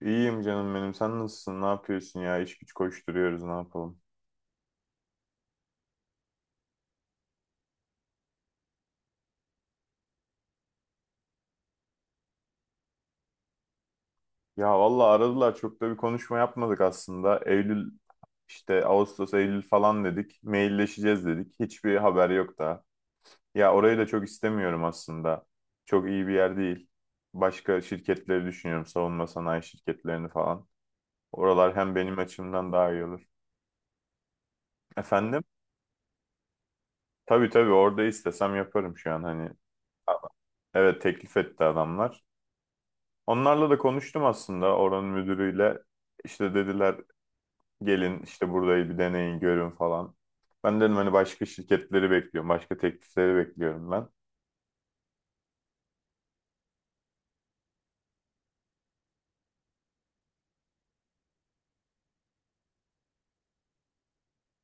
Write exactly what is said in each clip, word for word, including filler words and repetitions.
İyiyim canım benim. Sen nasılsın? Ne yapıyorsun ya? İş güç koşturuyoruz. Ne yapalım? Ya valla aradılar. Çok da bir konuşma yapmadık aslında. Eylül işte Ağustos, Eylül falan dedik. Mailleşeceğiz dedik. Hiçbir haber yok daha. Ya orayı da çok istemiyorum aslında. Çok iyi bir yer değil. Başka şirketleri düşünüyorum. Savunma sanayi şirketlerini falan. Oralar hem benim açımdan daha iyi olur. Efendim? Tabii tabii, orada istesem yaparım şu an hani. Evet, teklif etti adamlar. Onlarla da konuştum aslında, oranın müdürüyle. İşte dediler gelin işte burayı bir deneyin görün falan. Ben dedim hani başka şirketleri bekliyorum. Başka teklifleri bekliyorum ben.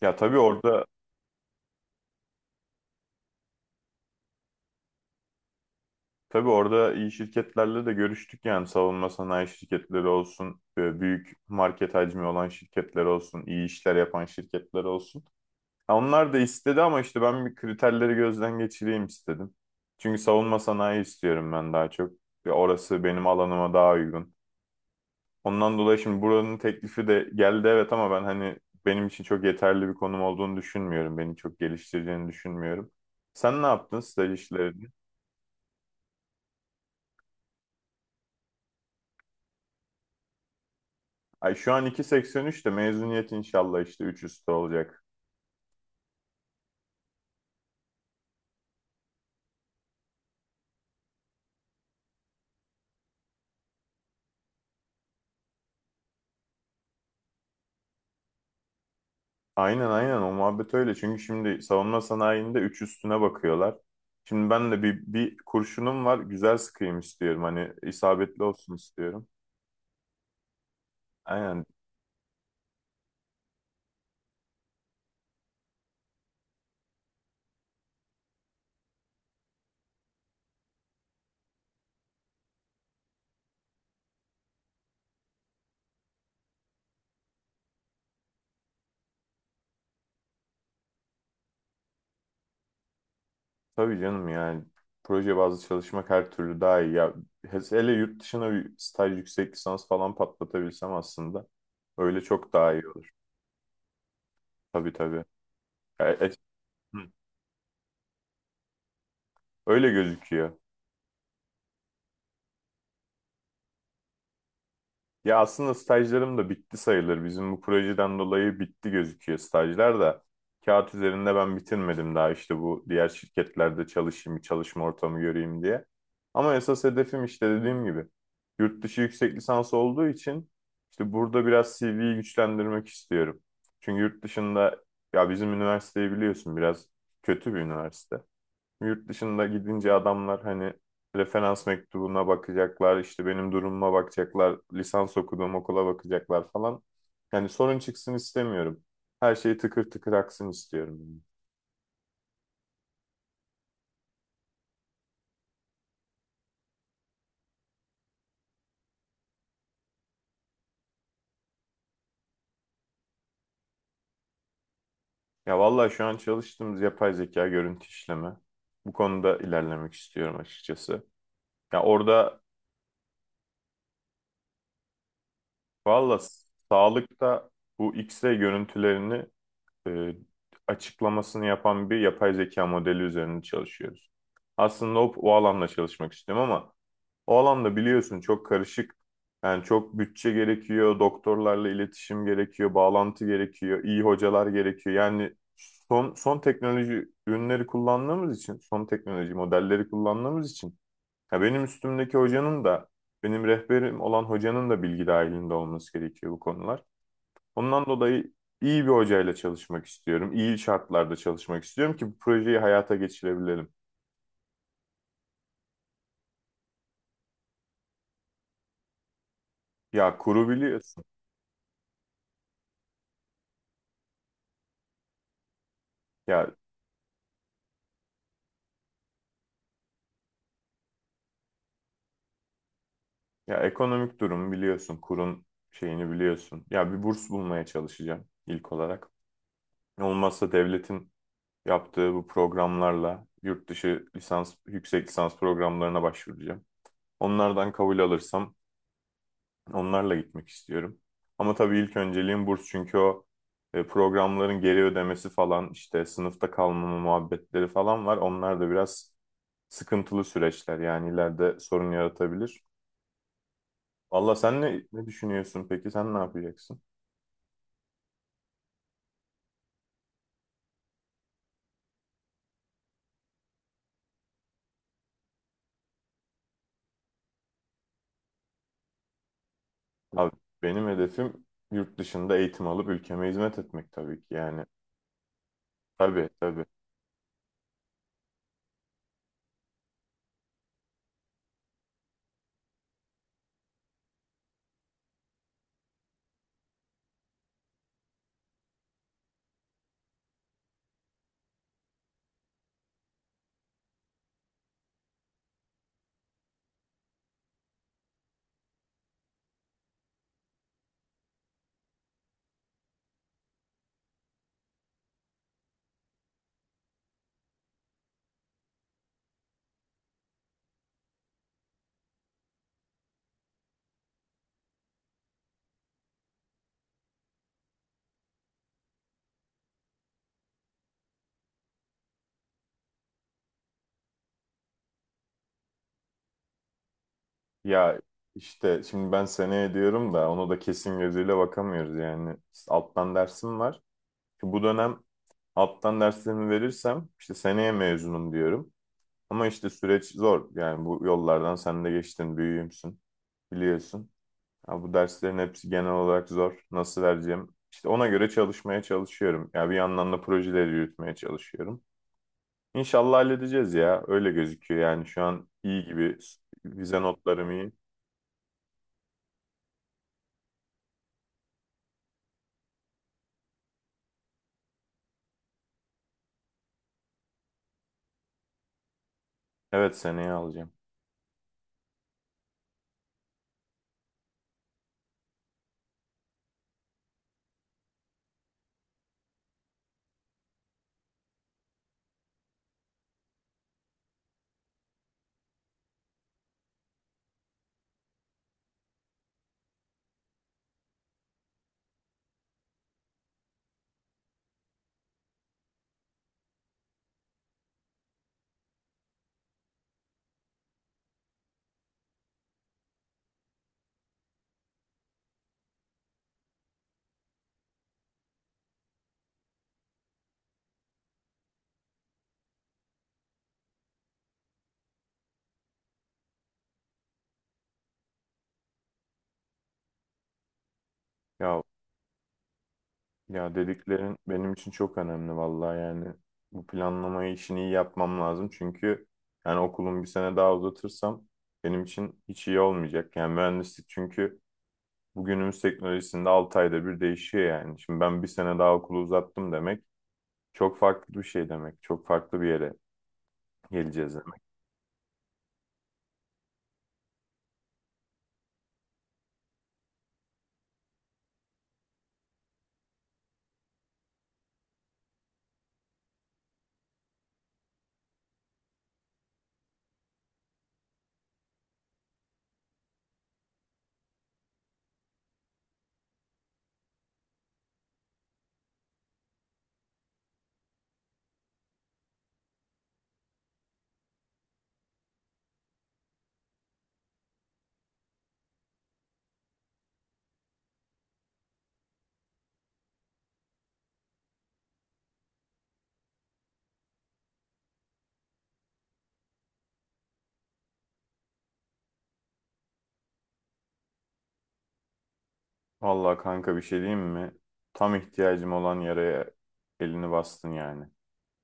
Ya tabii orada tabii orada iyi şirketlerle de görüştük, yani savunma sanayi şirketleri olsun, e, büyük market hacmi olan şirketler olsun, iyi işler yapan şirketler olsun. Ya onlar da istedi ama işte ben bir kriterleri gözden geçireyim istedim. Çünkü savunma sanayi istiyorum ben daha çok. Ve orası benim alanıma daha uygun. Ondan dolayı şimdi buranın teklifi de geldi, evet, ama ben hani benim için çok yeterli bir konum olduğunu düşünmüyorum. Beni çok geliştireceğini düşünmüyorum. Sen ne yaptın staj işlerini? Ay şu an iki virgül seksen üç de mezuniyet inşallah işte üç üstü olacak. Aynen, aynen, o muhabbet öyle. Çünkü şimdi savunma sanayinde üç üstüne bakıyorlar. Şimdi ben de bir, bir kurşunum var, güzel sıkayım istiyorum. Hani isabetli olsun istiyorum. Aynen. Tabii canım, yani proje bazlı çalışmak her türlü daha iyi. Ya, hele yurt dışına bir staj, yüksek lisans falan patlatabilsem aslında, öyle çok daha iyi olur. Tabii tabii. Ya, e- Hı. Öyle gözüküyor. Ya aslında stajlarım da bitti sayılır. Bizim bu projeden dolayı bitti gözüküyor stajlar da. Kağıt üzerinde ben bitirmedim daha, işte bu diğer şirketlerde çalışayım, çalışma ortamı göreyim diye. Ama esas hedefim işte, dediğim gibi, yurt dışı yüksek lisans olduğu için işte burada biraz C V'yi güçlendirmek istiyorum. Çünkü yurt dışında, ya bizim üniversiteyi biliyorsun, biraz kötü bir üniversite. Yurt dışında gidince adamlar hani referans mektubuna bakacaklar, işte benim durumuma bakacaklar, lisans okuduğum okula bakacaklar falan. Yani sorun çıksın istemiyorum. Her şey tıkır tıkır aksın istiyorum, yani. Ya vallahi şu an çalıştığımız yapay zeka görüntü işleme. Bu konuda ilerlemek istiyorum açıkçası. Ya orada valla sağlıkta bu X-ray görüntülerini, e, açıklamasını yapan bir yapay zeka modeli üzerinde çalışıyoruz. Aslında o, o alanda çalışmak istiyorum ama o alanda biliyorsun çok karışık. Yani çok bütçe gerekiyor, doktorlarla iletişim gerekiyor, bağlantı gerekiyor, iyi hocalar gerekiyor. Yani son son teknoloji ürünleri kullandığımız için, son teknoloji modelleri kullandığımız için, ya benim üstümdeki hocanın da, benim rehberim olan hocanın da bilgi dahilinde olması gerekiyor bu konular. Ondan dolayı iyi bir hocayla çalışmak istiyorum. İyi şartlarda çalışmak istiyorum ki bu projeyi hayata geçirebilelim. Ya kuru biliyorsun. Ya ya ekonomik durum biliyorsun. Kurun şeyini biliyorsun. Ya bir burs bulmaya çalışacağım ilk olarak. Olmazsa devletin yaptığı bu programlarla yurt dışı lisans, yüksek lisans programlarına başvuracağım. Onlardan kabul alırsam onlarla gitmek istiyorum. Ama tabii ilk önceliğim burs, çünkü o e, programların geri ödemesi falan, işte sınıfta kalmama muhabbetleri falan var. Onlar da biraz sıkıntılı süreçler, yani ileride sorun yaratabilir. Valla sen ne, ne düşünüyorsun peki? Sen ne yapacaksın? Abi benim hedefim yurt dışında eğitim alıp ülkeme hizmet etmek, tabii ki yani. Tabii tabii. Ya işte şimdi ben seneye diyorum da onu da kesin gözüyle bakamıyoruz yani. Alttan dersim var. Bu dönem alttan derslerimi verirsem işte seneye mezunum diyorum. Ama işte süreç zor. Yani bu yollardan sen de geçtin, büyüğümsün, biliyorsun. Ya bu derslerin hepsi genel olarak zor. Nasıl vereceğim? İşte ona göre çalışmaya çalışıyorum. Ya bir yandan da projeleri yürütmeye çalışıyorum. İnşallah halledeceğiz ya. Öyle gözüküyor, yani şu an iyi gibi. Vize notlarım iyi. Evet, seneye alacağım. Ya Ya dediklerin benim için çok önemli, vallahi yani bu planlamayı, işini iyi yapmam lazım, çünkü yani okulum bir sene daha uzatırsam benim için hiç iyi olmayacak. Yani mühendislik, çünkü bugünümüz teknolojisinde altı ayda bir değişiyor yani. Şimdi ben bir sene daha okulu uzattım demek çok farklı bir şey demek. Çok farklı bir yere geleceğiz demek. Vallahi kanka, bir şey diyeyim mi? Tam ihtiyacım olan yere elini bastın yani.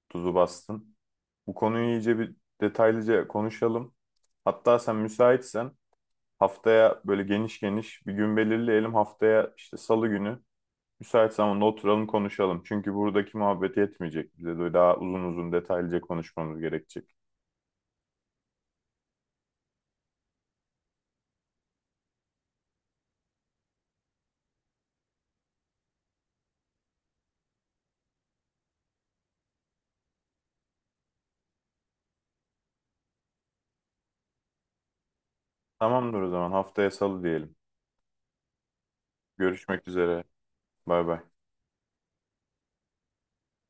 Tuzu bastın. Bu konuyu iyice bir detaylıca konuşalım. Hatta sen müsaitsen haftaya böyle geniş geniş bir gün belirleyelim. Haftaya işte salı günü müsait zamanda oturalım konuşalım. Çünkü buradaki muhabbet yetmeyecek. Bize de daha uzun uzun detaylıca konuşmamız gerekecek. Tamamdır o zaman, haftaya salı diyelim. Görüşmek üzere. Bay bay.